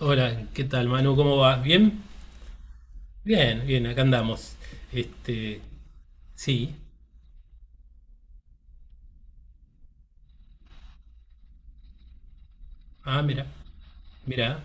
Hola, ¿qué tal, Manu? ¿Cómo vas? ¿Bien? Bien, bien, acá andamos. Este, sí. Ah, mira, mira,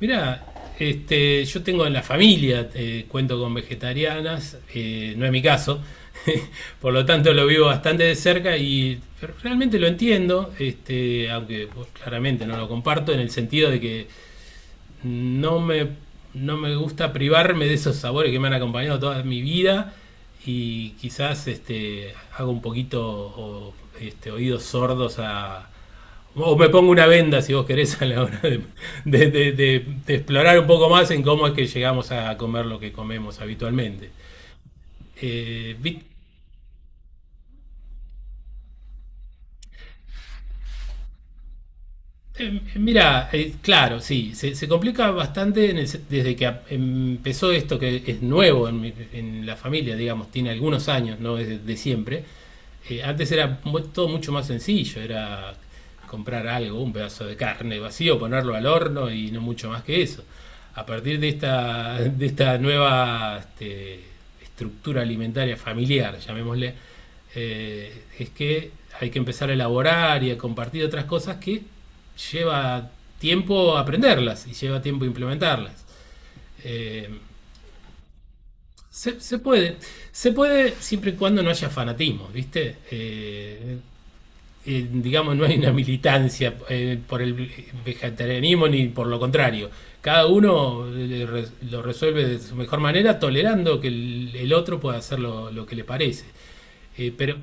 mira. Yo tengo en la familia, cuento con vegetarianas, no es mi caso, por lo tanto lo vivo bastante de cerca y realmente lo entiendo, aunque pues, claramente no lo comparto en el sentido de que no me, no me gusta privarme de esos sabores que me han acompañado toda mi vida y quizás hago un poquito o, oídos sordos. A... O me pongo una venda, si vos querés, a la hora de explorar un poco más en cómo es que llegamos a comer lo que comemos habitualmente. Eh, Mira, claro, sí, se complica bastante desde que empezó esto que es nuevo en la familia, digamos, tiene algunos años, no es de siempre, antes era todo mucho más sencillo, era comprar algo, un pedazo de carne vacío, ponerlo al horno y no mucho más que eso. A partir de esta nueva estructura alimentaria familiar, llamémosle, es que hay que empezar a elaborar y a compartir otras cosas que lleva tiempo aprenderlas y lleva tiempo implementarlas. Eh, se, se puede, se puede siempre y cuando no haya fanatismo, ¿viste? Digamos, no hay una militancia por el vegetarianismo ni por lo contrario. Cada uno lo resuelve de su mejor manera, tolerando que el otro pueda hacer lo que le parece. Eh, pero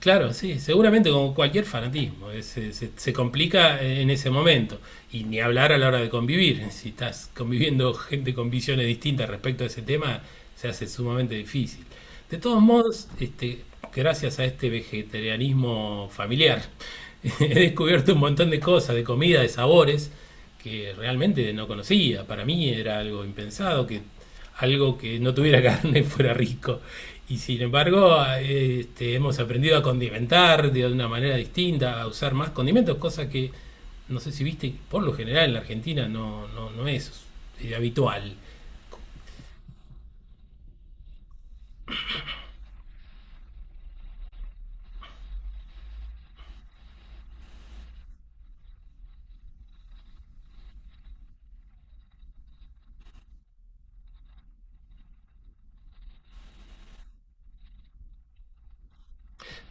Claro, sí, seguramente como cualquier fanatismo, se complica en ese momento. Y ni hablar a la hora de convivir. Si estás conviviendo gente con visiones distintas respecto a ese tema, se hace sumamente difícil. De todos modos, gracias a este vegetarianismo familiar, he descubierto un montón de cosas, de comida, de sabores, que realmente no conocía. Para mí era algo impensado, que algo que no tuviera carne fuera rico. Y sin embargo, hemos aprendido a condimentar de una manera distinta, a usar más condimentos, cosa que no sé si viste, por lo general en la Argentina no es habitual.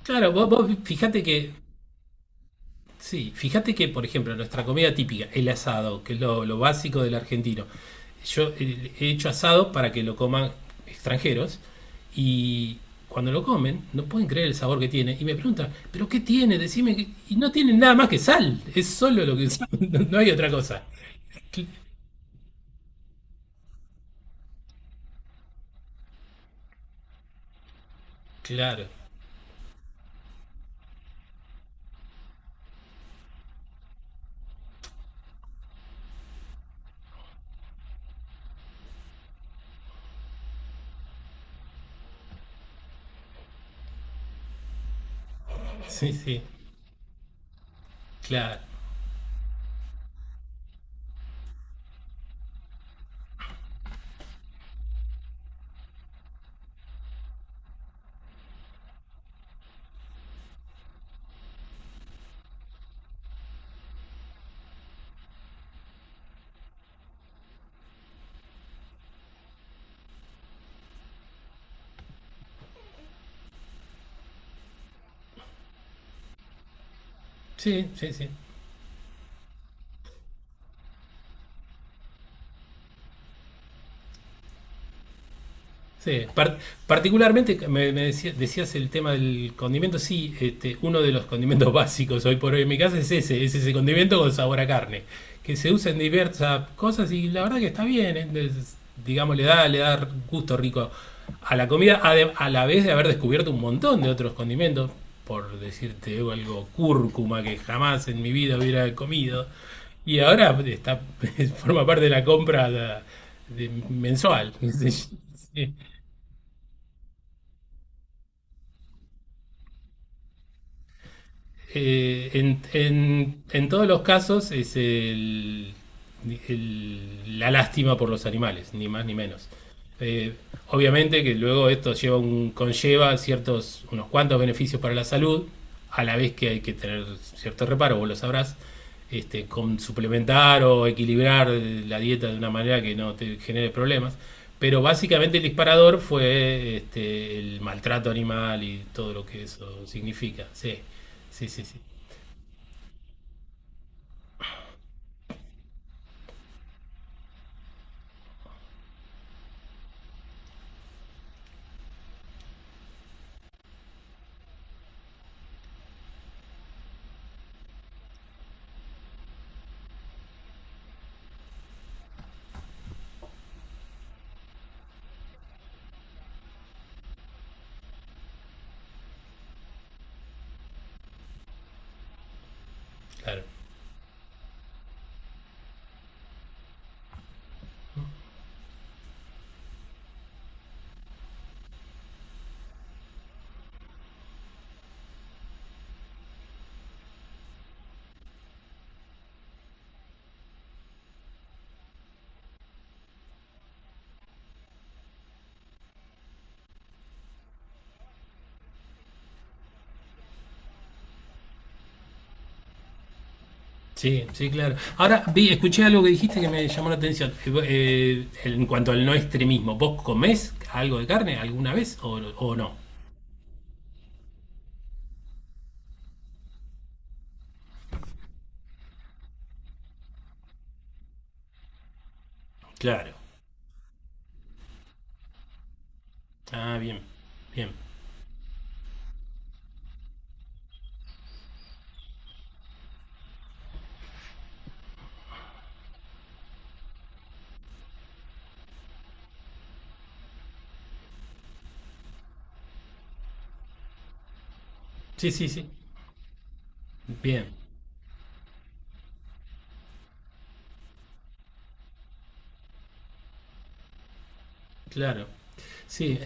Claro. vos, vos fijate que Sí, fíjate que, por ejemplo, nuestra comida típica, el asado, que es lo básico del argentino. Yo he hecho asado para que lo coman extranjeros y cuando lo comen no pueden creer el sabor que tiene y me preguntan, ¿pero qué tiene? Decime, qué-". Y no tienen nada más que sal, es solo lo que usan, no hay otra cosa. Cl- claro, sí, sí, claro, sí, sí, sí. Sí, particularmente me decías el tema del condimento, sí, uno de los condimentos básicos hoy por hoy en mi casa es ese condimento con sabor a carne, que se usa en diversas cosas y la verdad que está bien, ¿eh? Digamos, le da gusto rico a la comida, a la vez de haber descubierto un montón de otros condimentos, por decirte algo, cúrcuma que jamás en mi vida hubiera comido, y ahora está, forma parte de la compra de mensual. Sí. En todos los casos la lástima por los animales, ni más ni menos. Eh, Obviamente que luego esto lleva un, conlleva ciertos, unos cuantos beneficios para la salud, a la vez que hay que tener cierto reparo, vos lo sabrás, con suplementar o equilibrar la dieta de una manera que no te genere problemas. Pero básicamente el disparador fue este, el maltrato animal y todo lo que eso significa. Sí. Sí, sí, sí, claro. Sí, sí, claro. Ahora vi, escuché algo que dijiste que me llamó la atención. En cuanto al no extremismo, ¿vos comés algo de carne alguna vez o no? Claro. Ah, bien, bien. Sí, sí, sí. Bien, claro. Sí,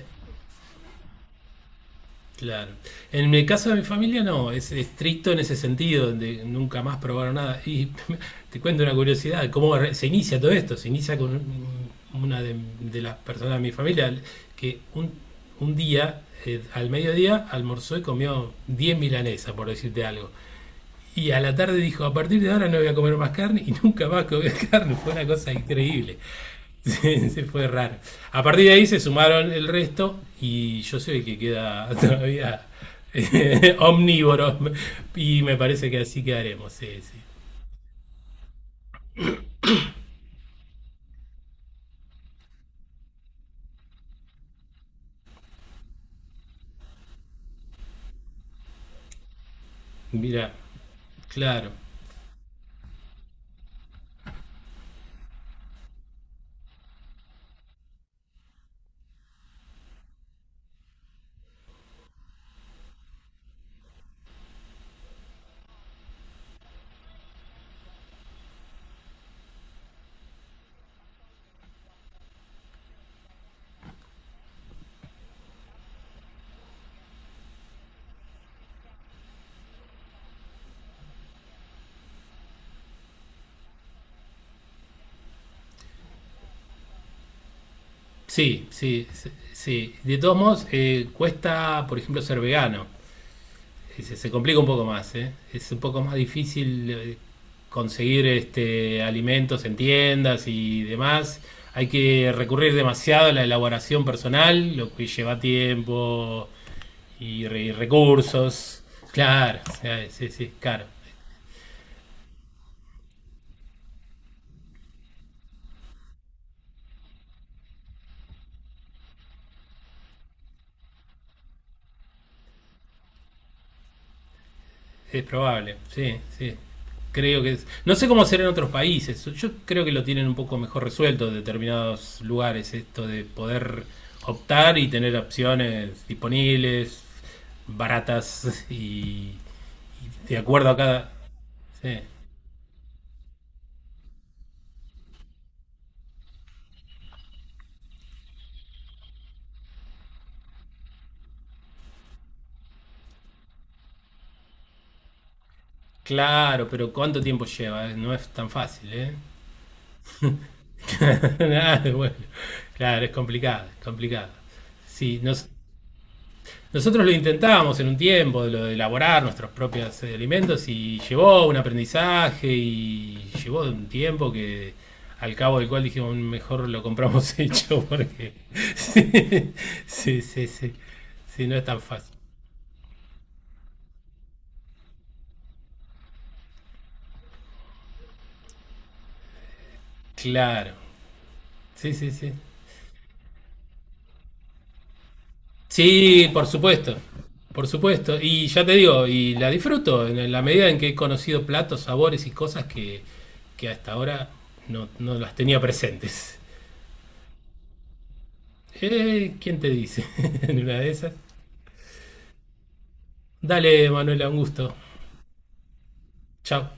claro. En el caso de mi familia no, es estricto en ese sentido, donde nunca más probaron nada. Y te cuento una curiosidad, cómo se inicia todo esto. Se inicia con una de las personas de mi familia que un día, al mediodía, almorzó y comió 10 milanesas, por decirte algo. Y a la tarde dijo, a partir de ahora no voy a comer más carne y nunca más comió carne. Fue una cosa increíble. Sí, se fue raro. A partir de ahí se sumaron el resto y yo soy el que queda todavía omnívoro y me parece que así quedaremos. Sí, sí. Mira, claro. Sí, sí, sí. Sí. De todos modos, cuesta, por ejemplo, ser vegano. Sí, se complica un poco más, ¿eh? Es un poco más difícil conseguir alimentos en tiendas y demás. Hay que recurrir demasiado a la elaboración personal, lo que lleva tiempo y recursos. Claro, o sea, sí, sí, caro. Es probable, sí, sí. Creo que es. No sé cómo será en otros países. Yo creo que lo tienen un poco mejor resuelto en determinados lugares, esto de poder optar y tener opciones disponibles, baratas y, y de acuerdo a cada. Sí. Claro, pero ¿cuánto tiempo lleva? ¿Eh? No es tan fácil, ¿eh? Claro, bueno. Claro, es complicado, es complicado. Sí, no, nosotros lo intentábamos en un tiempo, de lo de elaborar nuestros propios alimentos y llevó un aprendizaje y llevó un tiempo que al cabo del cual dijimos mejor lo compramos hecho porque sí, sí, sí, sí, sí, no es tan fácil. Claro, sí, sí, sí. Sí, por supuesto, por supuesto. Y ya te digo, y la disfruto en la medida en que he conocido platos, sabores y cosas que hasta ahora no las tenía presentes. ¿Quién te dice? En una de esas. Dale, Manuela, un gusto. Chao.